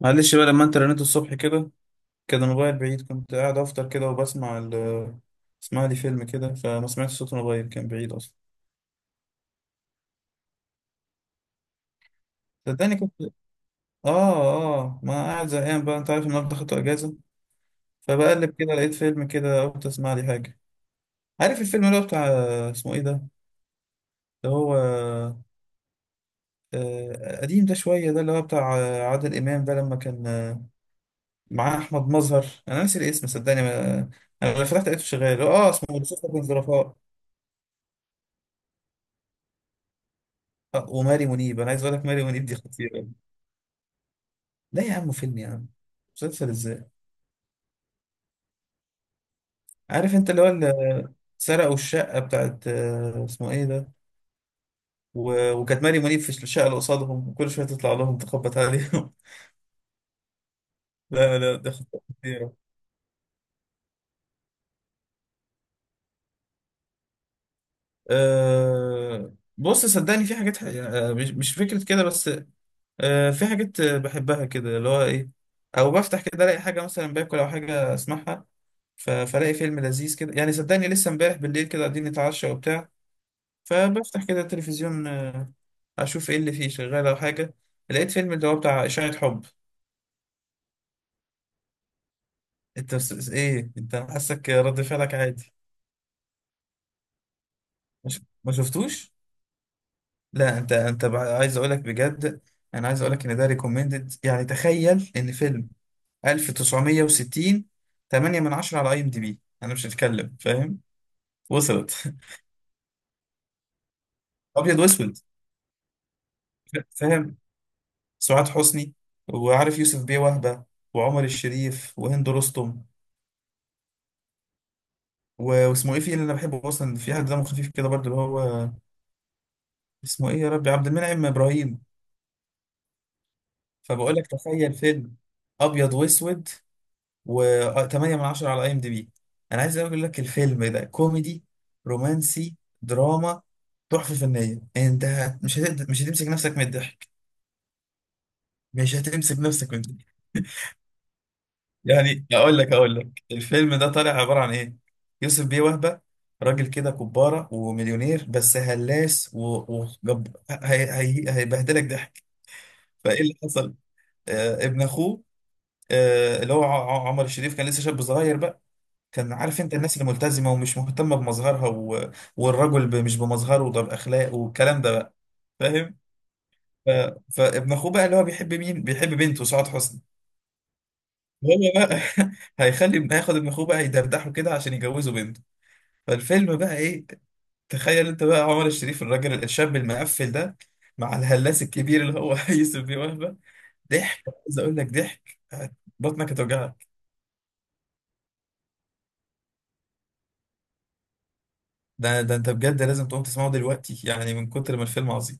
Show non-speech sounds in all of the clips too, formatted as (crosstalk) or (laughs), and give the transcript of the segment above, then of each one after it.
معلش بقى لما انت رنيت الصبح كده كان الموبايل بعيد، كنت قاعد افطر كده وبسمع اسمع لي فيلم كده، فما سمعتش صوت الموبايل، كان بعيد اصلا. صدقني كنت اه. اه ما قاعد زهقان بقى، انت عارف النهارده خدت اجازه، فبقلب كده لقيت فيلم كده، قلت اسمع لي حاجه. عارف الفيلم اللي هو بتاع، اسمه ايه ده، اللي هو قديم ده شويه، ده اللي هو بتاع عادل امام ده لما كان معاه احمد مظهر، انا ناسي الاسم صدقني ما... انا لما فتحت لقيته شغال، اه اسمه مسلسل الظرفاء. وماري منيب، انا عايز اقول لك ماري منيب دي خطيره. لا يا عم فيلم يا عم، مسلسل ازاي؟ عارف انت سرقوا الشقه بتاعت اسمه ايه ده، وكانت ماري منيب في الشقه اللي قصادهم وكل شويه تطلع لهم تخبط عليهم. (laughs) لا لا ده خطيره خطيرة. أه بص صدقني في حاجات مش فكره كده بس. أه في حاجات بحبها كده اللي هو ايه، او بفتح كده الاقي حاجه، مثلا باكل او حاجه اسمعها. فالاقي فيلم لذيذ كده، يعني صدقني لسه امبارح بالليل كده قاعدين نتعشى وبتاع، فبفتح كده التلفزيون اشوف ايه اللي فيه شغال او حاجه، لقيت فيلم اللي هو بتاع اشاعه حب. انت بس ايه انت، أنا حاسك رد فعلك عادي. مش ما شفتوش؟ لا انت انت عايز اقولك بجد، انا عايز اقولك ان ده ريكومندد، يعني تخيل ان فيلم 1960، 8 من 10 على اي ام دي بي، انا مش هتكلم، فاهم؟ وصلت. (laughs) ابيض واسود، فاهم؟ سعاد حسني، وعارف يوسف بيه وهبه، وعمر الشريف وهند رستم، واسمه ايه، في اللي انا بحبه اصلا، في حد دمه خفيف كده برضه اللي هو اسمه ايه يا ربي، عبد المنعم ابراهيم. فبقول لك تخيل فيلم ابيض واسود، و8 من 10 على اي ام دي بي. انا عايز اقول لك الفيلم ده كوميدي، رومانسي، دراما، تحفه فنيه. انت مش هتمسك نفسك من الضحك، مش هتمسك نفسك من الضحك. يعني اقول لك الفيلم ده طالع عباره عن ايه. يوسف بيه وهبه، راجل كده كباره ومليونير بس هلاس، وجب هيبهدلك ضحك. فايه اللي حصل؟ آه ابن اخوه، آه اللي هو عمر الشريف، كان لسه شاب صغير بقى. كان عارف انت الناس اللي ملتزمه ومش مهتمه بمظهرها و... والرجل ب... مش بمظهره ده، باخلاقه والكلام ده بقى، فاهم؟ ف... فابن اخوه بقى اللي هو بيحب مين، بيحب بنته سعاد حسني. هو بقى (laughs) هيخلي هياخد ابن اخوه بقى يدردحه كده عشان يجوزه بنت. فالفيلم بقى ايه؟ تخيل انت بقى عمر الشريف الراجل الشاب المقفل ده، مع الهلاس الكبير اللي هو (laughs) يوسف بيه وهبة، ضحك. عايز اقول لك ضحك، بطنك هتوجعك. ده ده انت بجد لازم تقوم تسمعه دلوقتي، يعني من كتر ما الفيلم عظيم.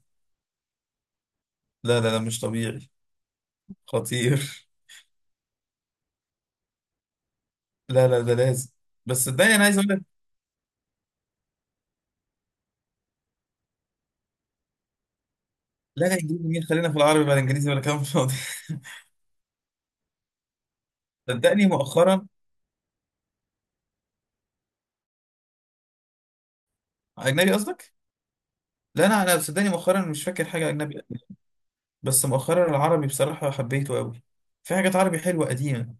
لا لا لا، مش طبيعي، خطير. (laughs) لا لا ده لازم، بس صدقني انا عايز اقول لك. لا لا انجليزي مين، خلينا في العربي بقى، الانجليزي ولا كلام فاضي. (laughs) صدقني مؤخرا، اجنبي قصدك؟ لا انا انا صدقني مؤخرا مش فاكر حاجه اجنبي، بس مؤخرا العربي بصراحة حبيته قوي، في حاجات عربي حلوة قديمة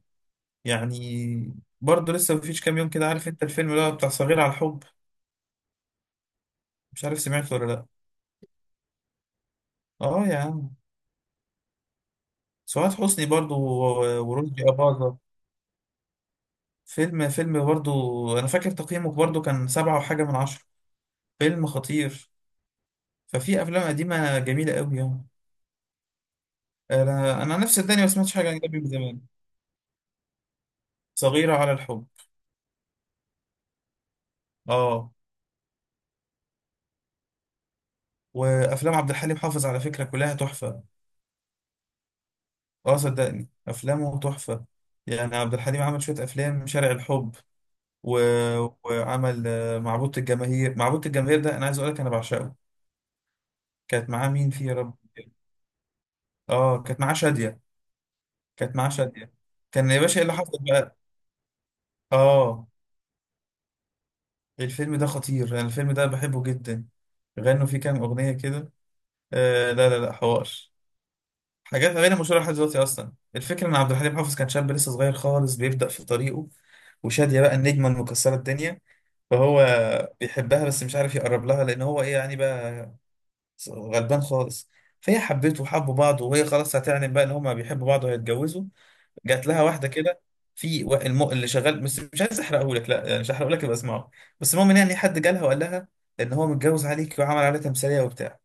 يعني. برضه لسه مفيش كام يوم كده، عارف انت الفيلم اللي هو بتاع صغير على الحب؟ مش عارف سمعته ولا لا. اه يا عم، سعاد حسني برضه ورشدي أباظة. فيلم فيلم برضه، انا فاكر تقييمه برضه كان سبعة وحاجة من عشرة، فيلم خطير. ففي افلام قديمة جميلة قوي يعني. انا انا نفسي الدنيا ما سمعتش حاجة اجنبي من زمان. صغيرة على الحب، اه. وافلام عبد الحليم حافظ على فكرة كلها تحفة. اه صدقني افلامه تحفه، يعني عبد الحليم عمل شويه افلام، شارع الحب و... وعمل معبود الجماهير. معبود الجماهير ده انا عايز اقول لك انا بعشقه. كانت معاه مين فيه يا رب؟ اه كانت معاه شاديه، كانت معاه شاديه. كان يا باشا ايه اللي حصل بقى؟ اه. الفيلم ده خطير، انا الفيلم ده بحبه جدا. غنوا فيه كام اغنيه كده لا لا لا، حوار، حاجات غير مشهوره لحد دلوقتي. اصلا الفكره ان عبد الحليم حافظ كان شاب لسه صغير خالص بيبدا في طريقه، وشادية بقى النجمة المكسرة الدنيا. فهو بيحبها بس مش عارف يقرب لها، لان هو ايه يعني بقى، غلبان خالص. فهي حبته وحبوا بعض، وهي خلاص هتعلن بقى ان هما بيحبوا بعض وهيتجوزوا. جات لها واحده كده، في اللي شغال، بس مش عايز احرقه لك، لا يعني مش هحرقه لك، يبقى اسمعه. بس المهم إن يعني حد جالها وقال لها ان هو متجوز عليك، وعمل عليها تمثيليه وبتاع.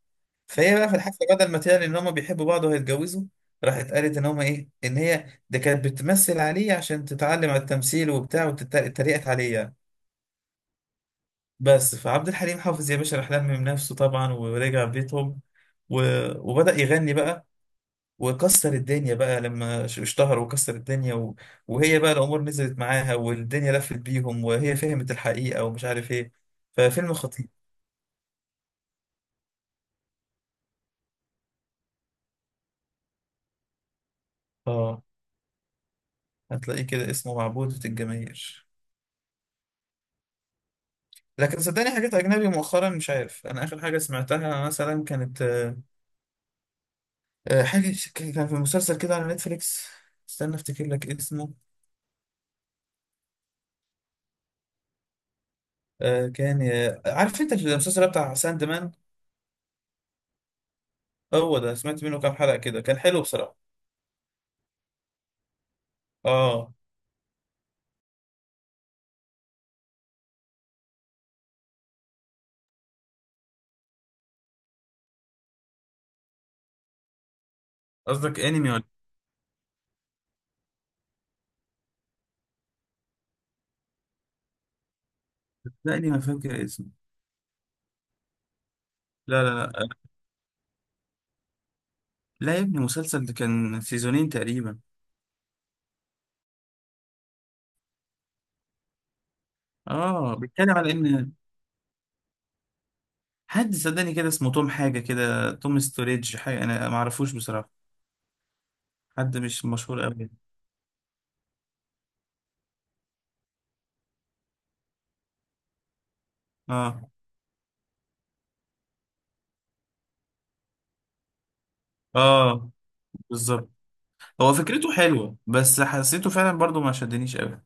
فهي بقى في الحفله بدل ما تعلن ان هما بيحبوا بعض وهيتجوزوا، راحت قالت ان هما ايه، ان هي ده كانت بتمثل عليه عشان تتعلم على التمثيل وبتاع، وتتريقت عليه يعني. بس فعبد الحليم حافظ يا باشا راح لمم نفسه طبعا ورجع بيتهم و... وبدأ يغني بقى، وكسر الدنيا بقى، لما اشتهر وكسر الدنيا و... وهي بقى الأمور نزلت معاها، والدنيا لفت بيهم وهي فهمت الحقيقة ومش عارف ايه. ففيلم خطير. اه، هتلاقيه كده اسمه معبودة الجماهير. لكن صدقني حاجات أجنبي مؤخرا، مش عارف، أنا آخر حاجة سمعتها مثلا كانت حاجة كان في مسلسل كده على نتفليكس. استنى افتكر لك اسمه. آه كان آه، عارف انت المسلسل بتاع ساند مان؟ هو ده سمعت منه كام حلقة كده، كان حلو بصراحة. اه، قصدك انمي ولا؟ لا انمي ما فاكر اسمه. لا لا لا لا يا ابني مسلسل، ده كان سيزونين تقريبا. اه بيتكلم على ان حد، صدقني كده اسمه توم حاجة كده، توم ستوريدج حاجة، انا ما اعرفوش بصراحة، حد مش مشهور قوي. اه اه، بالظبط. هو فكرته حلوة بس حسيته فعلا برضو ما شدنيش قوي.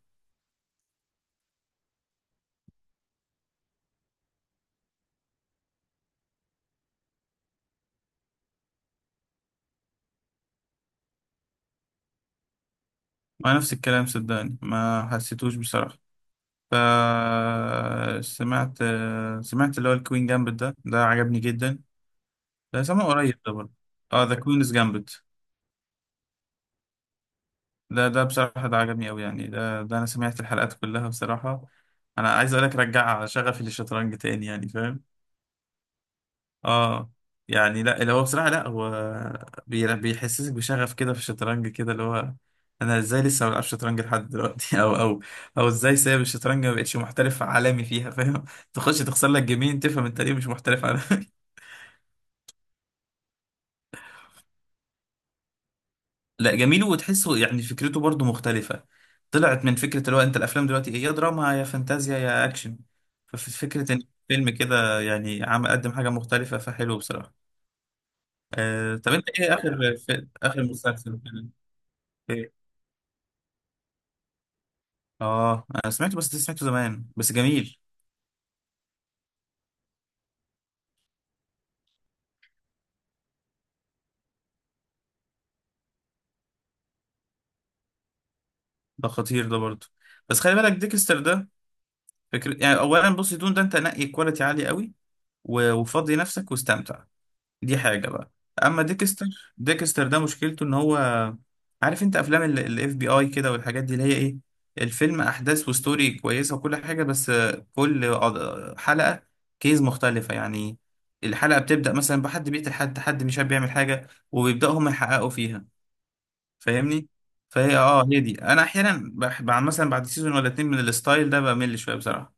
مع نفس الكلام، صدقني ما حسيتوش بصراحة. فسمعت، سمعت اللي هو الكوين جامبت، ده ده عجبني جدا، ده سامعه قريب ده برضه. اه ذا كوينز جامبت، ده ده بصراحة ده عجبني أوي، يعني ده ده أنا سمعت الحلقات كلها بصراحة. أنا عايز أقولك رجع شغفي للشطرنج تاني، يعني فاهم؟ اه يعني لا اللي هو بصراحة، لا هو بيحسسك بشغف كده في الشطرنج كده اللي هو، انا ازاي لسه ما بلعبش شطرنج لحد دلوقتي (laughs) او او او ازاي سايب الشطرنج ما بقتش محترف عالمي فيها (laughs) فاهم؟ تخش تخسر لك جيمين تفهم انت ليه مش محترف عالمي. (laughs) لا جميل وتحسه، يعني فكرته برضو مختلفة، طلعت من فكرة اللي هو انت الافلام دلوقتي ايه، يا دراما يا فانتازيا يا اكشن. ففي فكرة ان فيلم كده يعني عم قدم حاجة مختلفة، فحلو بصراحة. آه طب انت ايه اخر، اخر مسلسل كده؟ اه انا سمعته، بس ده سمعته زمان، بس جميل. ده خطير ده برضه. بس خلي بالك ديكستر ده، فكرة يعني. اولا بص دون ده انت نقي كواليتي عالي قوي، وفضي نفسك واستمتع، دي حاجة بقى. اما ديكستر، ديكستر ده مشكلته ان هو، عارف انت افلام الاف بي اي كده والحاجات دي اللي هي ايه، الفيلم احداث وستوري كويسة وكل حاجة، بس كل حلقة كيز مختلفة يعني، الحلقة بتبدأ مثلا بحد بيقتل حد، حد مش عارف بيعمل حاجة، وبيبدأوا هم يحققوا فيها، فاهمني؟ فهي اه هي دي انا احيانا بعد مثلا بعد سيزون ولا اتنين من الستايل ده بمل شويه بصراحه.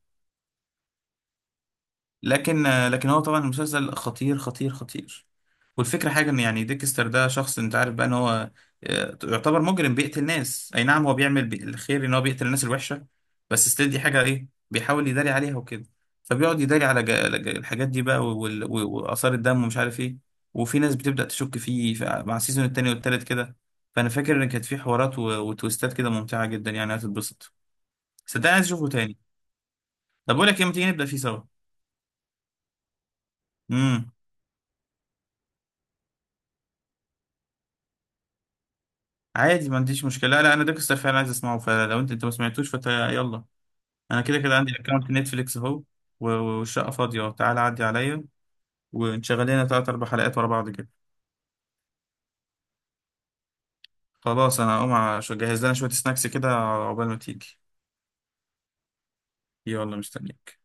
لكن لكن هو طبعا المسلسل خطير خطير خطير. والفكرة حاجة ان يعني ديكستر ده شخص، انت عارف بقى ان هو يعتبر مجرم بيقتل ناس، اي نعم هو بيعمل الخير ان هو بيقتل الناس الوحشة، بس ستيل دي حاجة ايه بيحاول يداري عليها وكده. فبيقعد يداري على الحاجات دي بقى، وآثار الدم ومش عارف ايه، وفي ناس بتبدأ تشك فيه مع السيزون التاني والتالت كده. فانا فاكر ان كانت في حوارات وتويستات كده ممتعة جدا، يعني هتتبسط. صدقني عايز اشوفه تاني. طب بقول لك ايه، ما تيجي نبدأ فيه سوا؟ امم عادي ما عنديش مشكلة، لا لا انا ديكستر فعلا عايز اسمعه، فلو انت ما سمعتوش فتا يلا. انا كده كده عندي اكونت نتفليكس اهو، والشقه فاضيه اهو. تعال عدي عليا، ونشغل لنا تلات اربع حلقات ورا بعض كده. خلاص انا هقوم اجهز لنا شويه سناكس كده عقبال ما تيجي. يلا مستنيك.